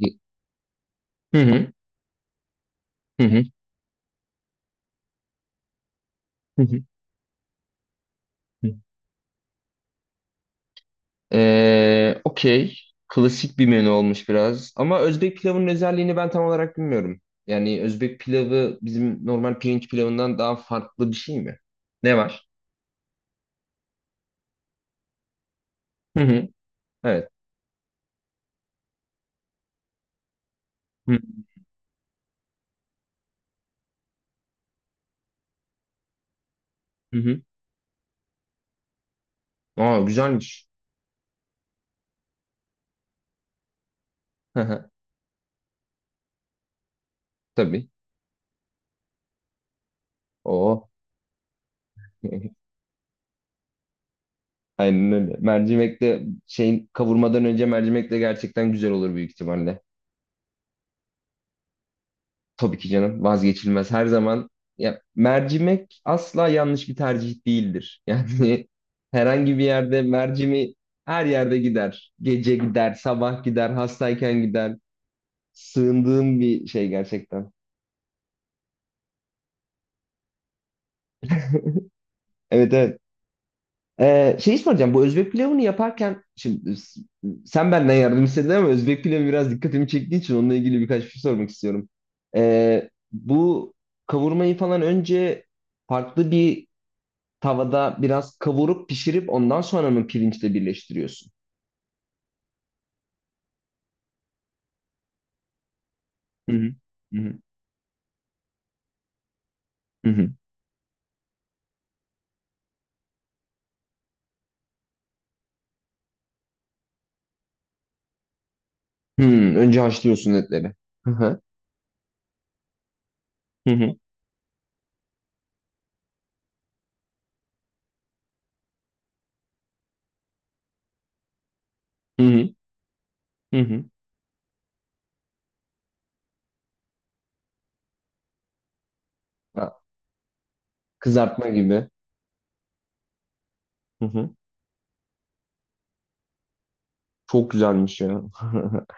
Hı hı. Hı hı. Hı hı. Hı. Okey. Klasik bir menü olmuş biraz. Ama Özbek pilavının özelliğini ben tam olarak bilmiyorum. Yani Özbek pilavı bizim normal pirinç pilavından daha farklı bir şey mi? Ne var? Hı hı. Evet. Hı hı. Hı. Aa, güzelmiş. Hı hı. Tabii. Oo. Aynen öyle. Mercimek de şeyin kavurmadan önce mercimek de gerçekten güzel olur büyük ihtimalle. Tabii ki canım, vazgeçilmez her zaman. Ya, mercimek asla yanlış bir tercih değildir. Yani herhangi bir yerde mercimi her yerde gider. Gece gider, sabah gider, hastayken gider. Sığındığım bir şey gerçekten. Evet, evet. Şey soracağım, bu Özbek pilavını yaparken şimdi sen benden yardım istedin, ama Özbek pilavı biraz dikkatimi çektiği için onunla ilgili birkaç bir şey sormak istiyorum. Bu kavurmayı falan önce farklı bir tavada biraz kavurup pişirip ondan sonra mı pirinçle birleştiriyorsun? Hı hı. Hı hı. Hı hı. Hmm, önce haşlıyorsun etleri. Hı hı. Hı hı. Hı hı. Hı hı. Ha, kızartma gibi. Hı hı. Çok güzelmiş ya.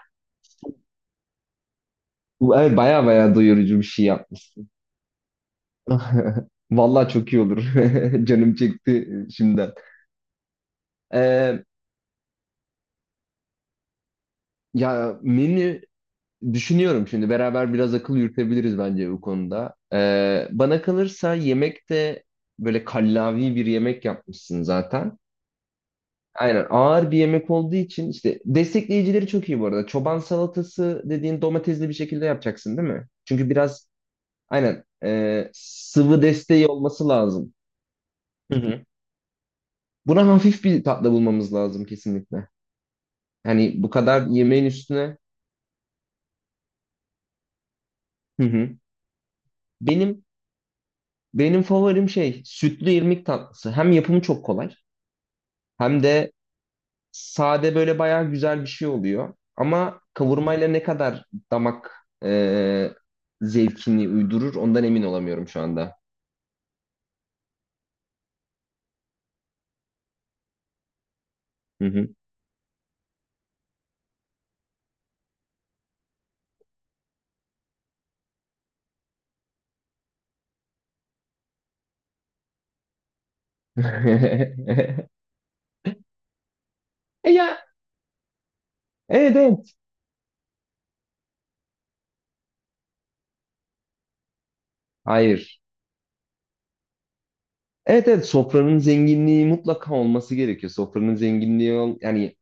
Evet, baya baya doyurucu bir şey yapmışsın. Vallahi çok iyi olur. Canım çekti şimdiden. Ee, Ya menü, düşünüyorum şimdi, beraber biraz akıl yürütebiliriz bence bu konuda. Bana kalırsa yemek de böyle kallavi bir yemek yapmışsın zaten. Aynen, ağır bir yemek olduğu için işte destekleyicileri çok iyi bu arada. Çoban salatası dediğin domatesli bir şekilde yapacaksın değil mi? Çünkü biraz aynen sıvı desteği olması lazım. Hı hı. Buna hafif bir tatlı bulmamız lazım kesinlikle. Yani bu kadar yemeğin üstüne. Hı hı. Benim Benim favorim şey sütlü irmik tatlısı. Hem yapımı çok kolay, hem de sade, böyle bayağı güzel bir şey oluyor. Ama kavurmayla ne kadar damak e, zevkini uydurur ondan emin olamıyorum şu anda. Hı hı. E ya, evet, evet. Hayır. Evet, evet, sofranın zenginliği mutlaka olması gerekiyor. Sofranın zenginliği yani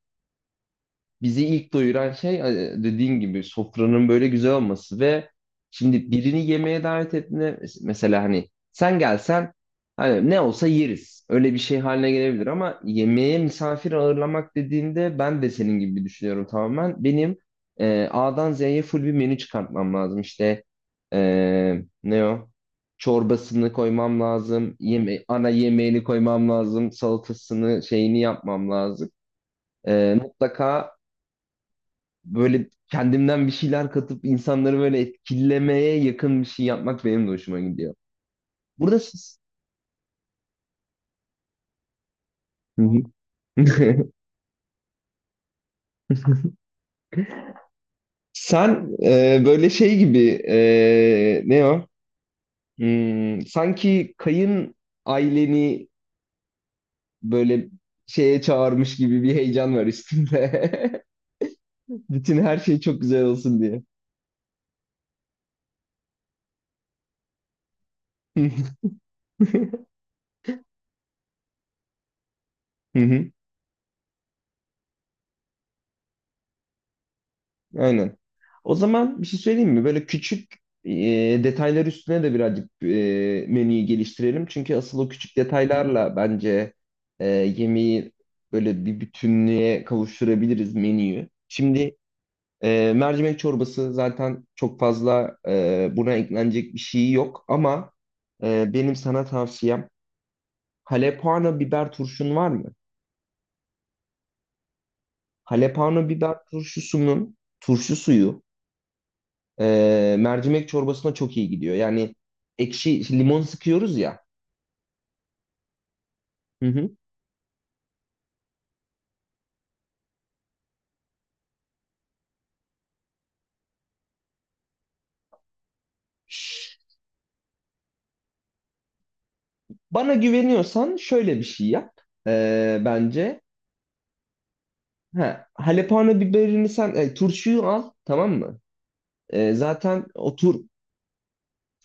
bizi ilk doyuran şey dediğin gibi sofranın böyle güzel olması. Ve şimdi birini yemeğe davet ettiğinde mesela hani sen gelsen hani ne olsa yeriz. Öyle bir şey haline gelebilir, ama yemeğe misafir ağırlamak dediğinde ben de senin gibi düşünüyorum tamamen. Benim A'dan Z'ye full bir menü çıkartmam lazım. İşte e, ne o? Çorbasını koymam lazım. Yeme ana yemeğini koymam lazım. Salatasını, şeyini yapmam lazım. Mutlaka böyle kendimden bir şeyler katıp insanları böyle etkilemeye yakın bir şey yapmak benim de hoşuma gidiyor. Burada siz. Hı hı. Sen böyle şey gibi e, ne o? Hmm, sanki kayın aileni böyle şeye çağırmış gibi bir heyecan var üstünde. Bütün her şey çok güzel olsun diye. Aynen. O zaman bir şey söyleyeyim mi? Böyle küçük e, detaylar üstüne de birazcık menüyü geliştirelim. Çünkü asıl o küçük detaylarla bence yemeği böyle bir bütünlüğe kavuşturabiliriz menüyü. Şimdi mercimek çorbası zaten çok fazla buna eklenecek bir şey yok, ama benim sana tavsiyem, halepano biber turşun var mı? Halepano biber turşusunun turşu suyu, mercimek çorbasına çok iyi gidiyor. Yani ekşi işte, limon sıkıyoruz ya. Hı hı. Bana güveniyorsan şöyle bir şey yap, bence. Ha, halepano biberini sen turşuyu al, tamam mı? Zaten o tur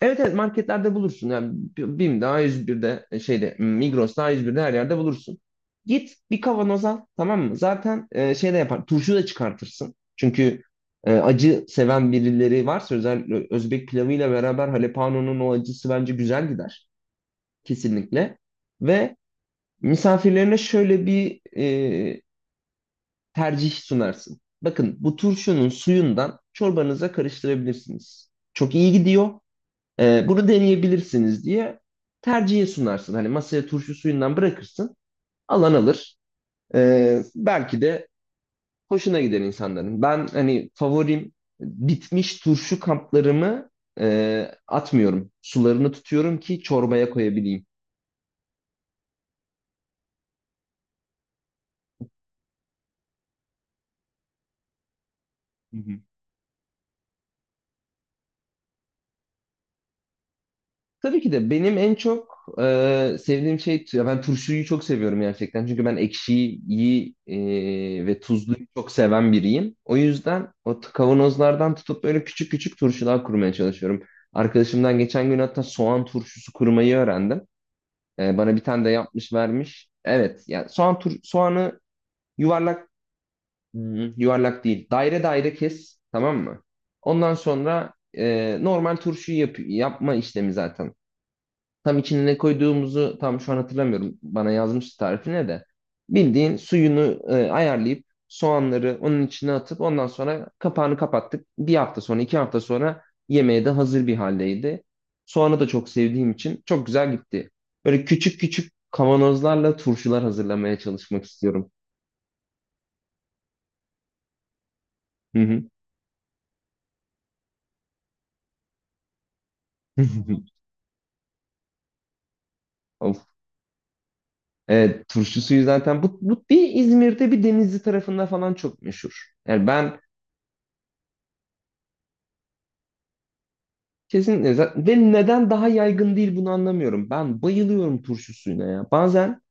Evet, evet marketlerde bulursun. Yani BİM'de, A101'de, şeyde Migros'ta, A101'de her yerde bulursun. Git bir kavanoz al, tamam mı? Zaten şey de yapar. Turşu da çıkartırsın. Çünkü acı seven birileri varsa özellikle Özbek pilavıyla beraber halepano'nun o acısı bence güzel gider. Kesinlikle. Ve misafirlerine şöyle bir tercih sunarsın. Bakın, bu turşunun suyundan çorbanıza karıştırabilirsiniz. Çok iyi gidiyor. Bunu deneyebilirsiniz diye tercihe sunarsın. Hani masaya turşu suyundan bırakırsın, alan alır. Belki de hoşuna gider insanların. Ben hani favorim bitmiş turşu kaplarımı atmıyorum. Sularını tutuyorum ki çorbaya koyabileyim. Tabii ki de benim en çok sevdiğim şey, ya ben turşuyu çok seviyorum gerçekten. Çünkü ben ekşiyi iyi, ve tuzluyu çok seven biriyim. O yüzden o kavanozlardan tutup böyle küçük küçük turşular kurmaya çalışıyorum. Arkadaşımdan geçen gün hatta soğan turşusu kurmayı öğrendim. Bana bir tane de yapmış vermiş. Evet, yani soğan soğanı yuvarlak, hmm, yuvarlak değil, daire daire kes, tamam mı? Ondan sonra normal turşuyu yap yapma işlemi zaten. Tam içine ne koyduğumuzu tam şu an hatırlamıyorum. Bana yazmıştı tarifine de. Bildiğin suyunu ayarlayıp soğanları onun içine atıp ondan sonra kapağını kapattık. Bir hafta sonra, iki hafta sonra yemeğe de hazır bir haldeydi. Soğanı da çok sevdiğim için çok güzel gitti. Böyle küçük küçük kavanozlarla turşular hazırlamaya çalışmak istiyorum. Hı hı. Of. Evet, turşu suyu zaten bu bir İzmir'de, bir Denizli tarafında falan çok meşhur. Yani ben, kesinlikle. Ve neden daha yaygın değil bunu anlamıyorum. Ben bayılıyorum turşu suyuna ya. Bazen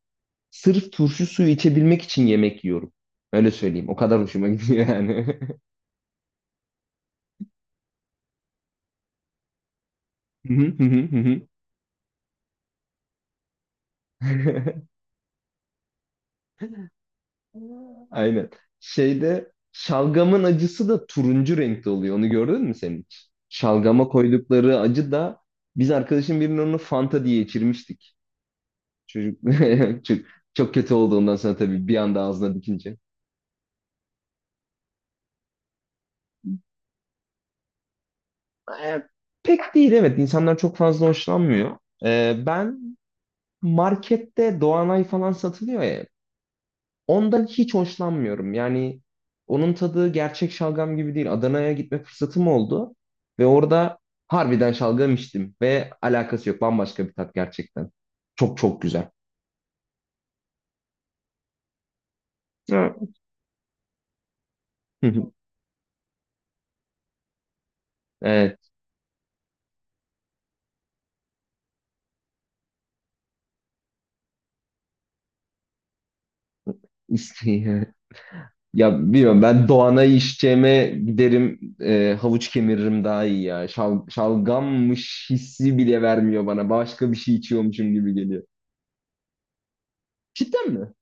sırf turşu suyu içebilmek için yemek yiyorum. Öyle söyleyeyim. O kadar hoşuma gidiyor yani. Hı hı hı hı. Aynen. Şeyde şalgamın acısı da turuncu renkte oluyor. Onu gördün mü sen hiç? Şalgama koydukları acı da biz arkadaşım birinin onu Fanta diye içirmiştik. Çocuk çok, çok kötü oldu ondan sonra tabii, bir anda ağzına dikince. E, Pek değil, evet. insanlar çok fazla hoşlanmıyor. Ben markette Doğanay falan satılıyor ya. Ondan hiç hoşlanmıyorum. Yani onun tadı gerçek şalgam gibi değil. Adana'ya gitme fırsatım oldu. Ve orada harbiden şalgam içtim. Ve alakası yok. Bambaşka bir tat gerçekten. Çok çok güzel. Evet. Evet. İsteği. Ya bilmiyorum, ben Doğan'a içeceğime giderim, havuç kemiririm daha iyi ya. Şal, şalgammış hissi bile vermiyor bana. Başka bir şey içiyormuşum gibi geliyor. Cidden mi?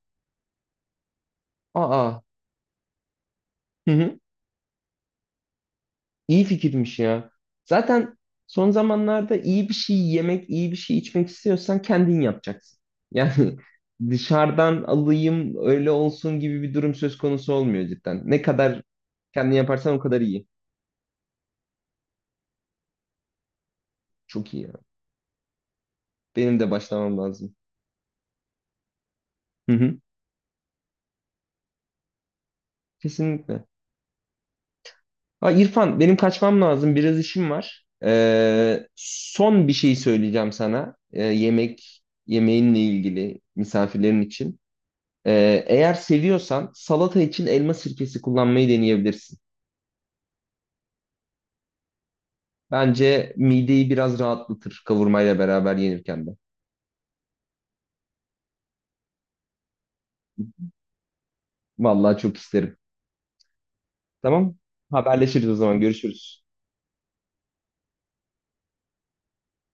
Aa, hı hı. İyi fikirmiş ya. Zaten son zamanlarda iyi bir şey yemek, iyi bir şey içmek istiyorsan kendin yapacaksın. Yani dışarıdan alayım öyle olsun gibi bir durum söz konusu olmuyor cidden. Ne kadar kendin yaparsan o kadar iyi. Çok iyi ya. Benim de başlamam lazım. Hı hı. Kesinlikle. Ha, İrfan benim kaçmam lazım, biraz işim var. Son bir şey söyleyeceğim sana, yemek yemeğinle ilgili misafirlerin için. Eğer seviyorsan salata için elma sirkesi kullanmayı deneyebilirsin. Bence mideyi biraz rahatlatır kavurmayla beraber yenirken de. Vallahi çok isterim. Tamam? Haberleşiriz o zaman, görüşürüz.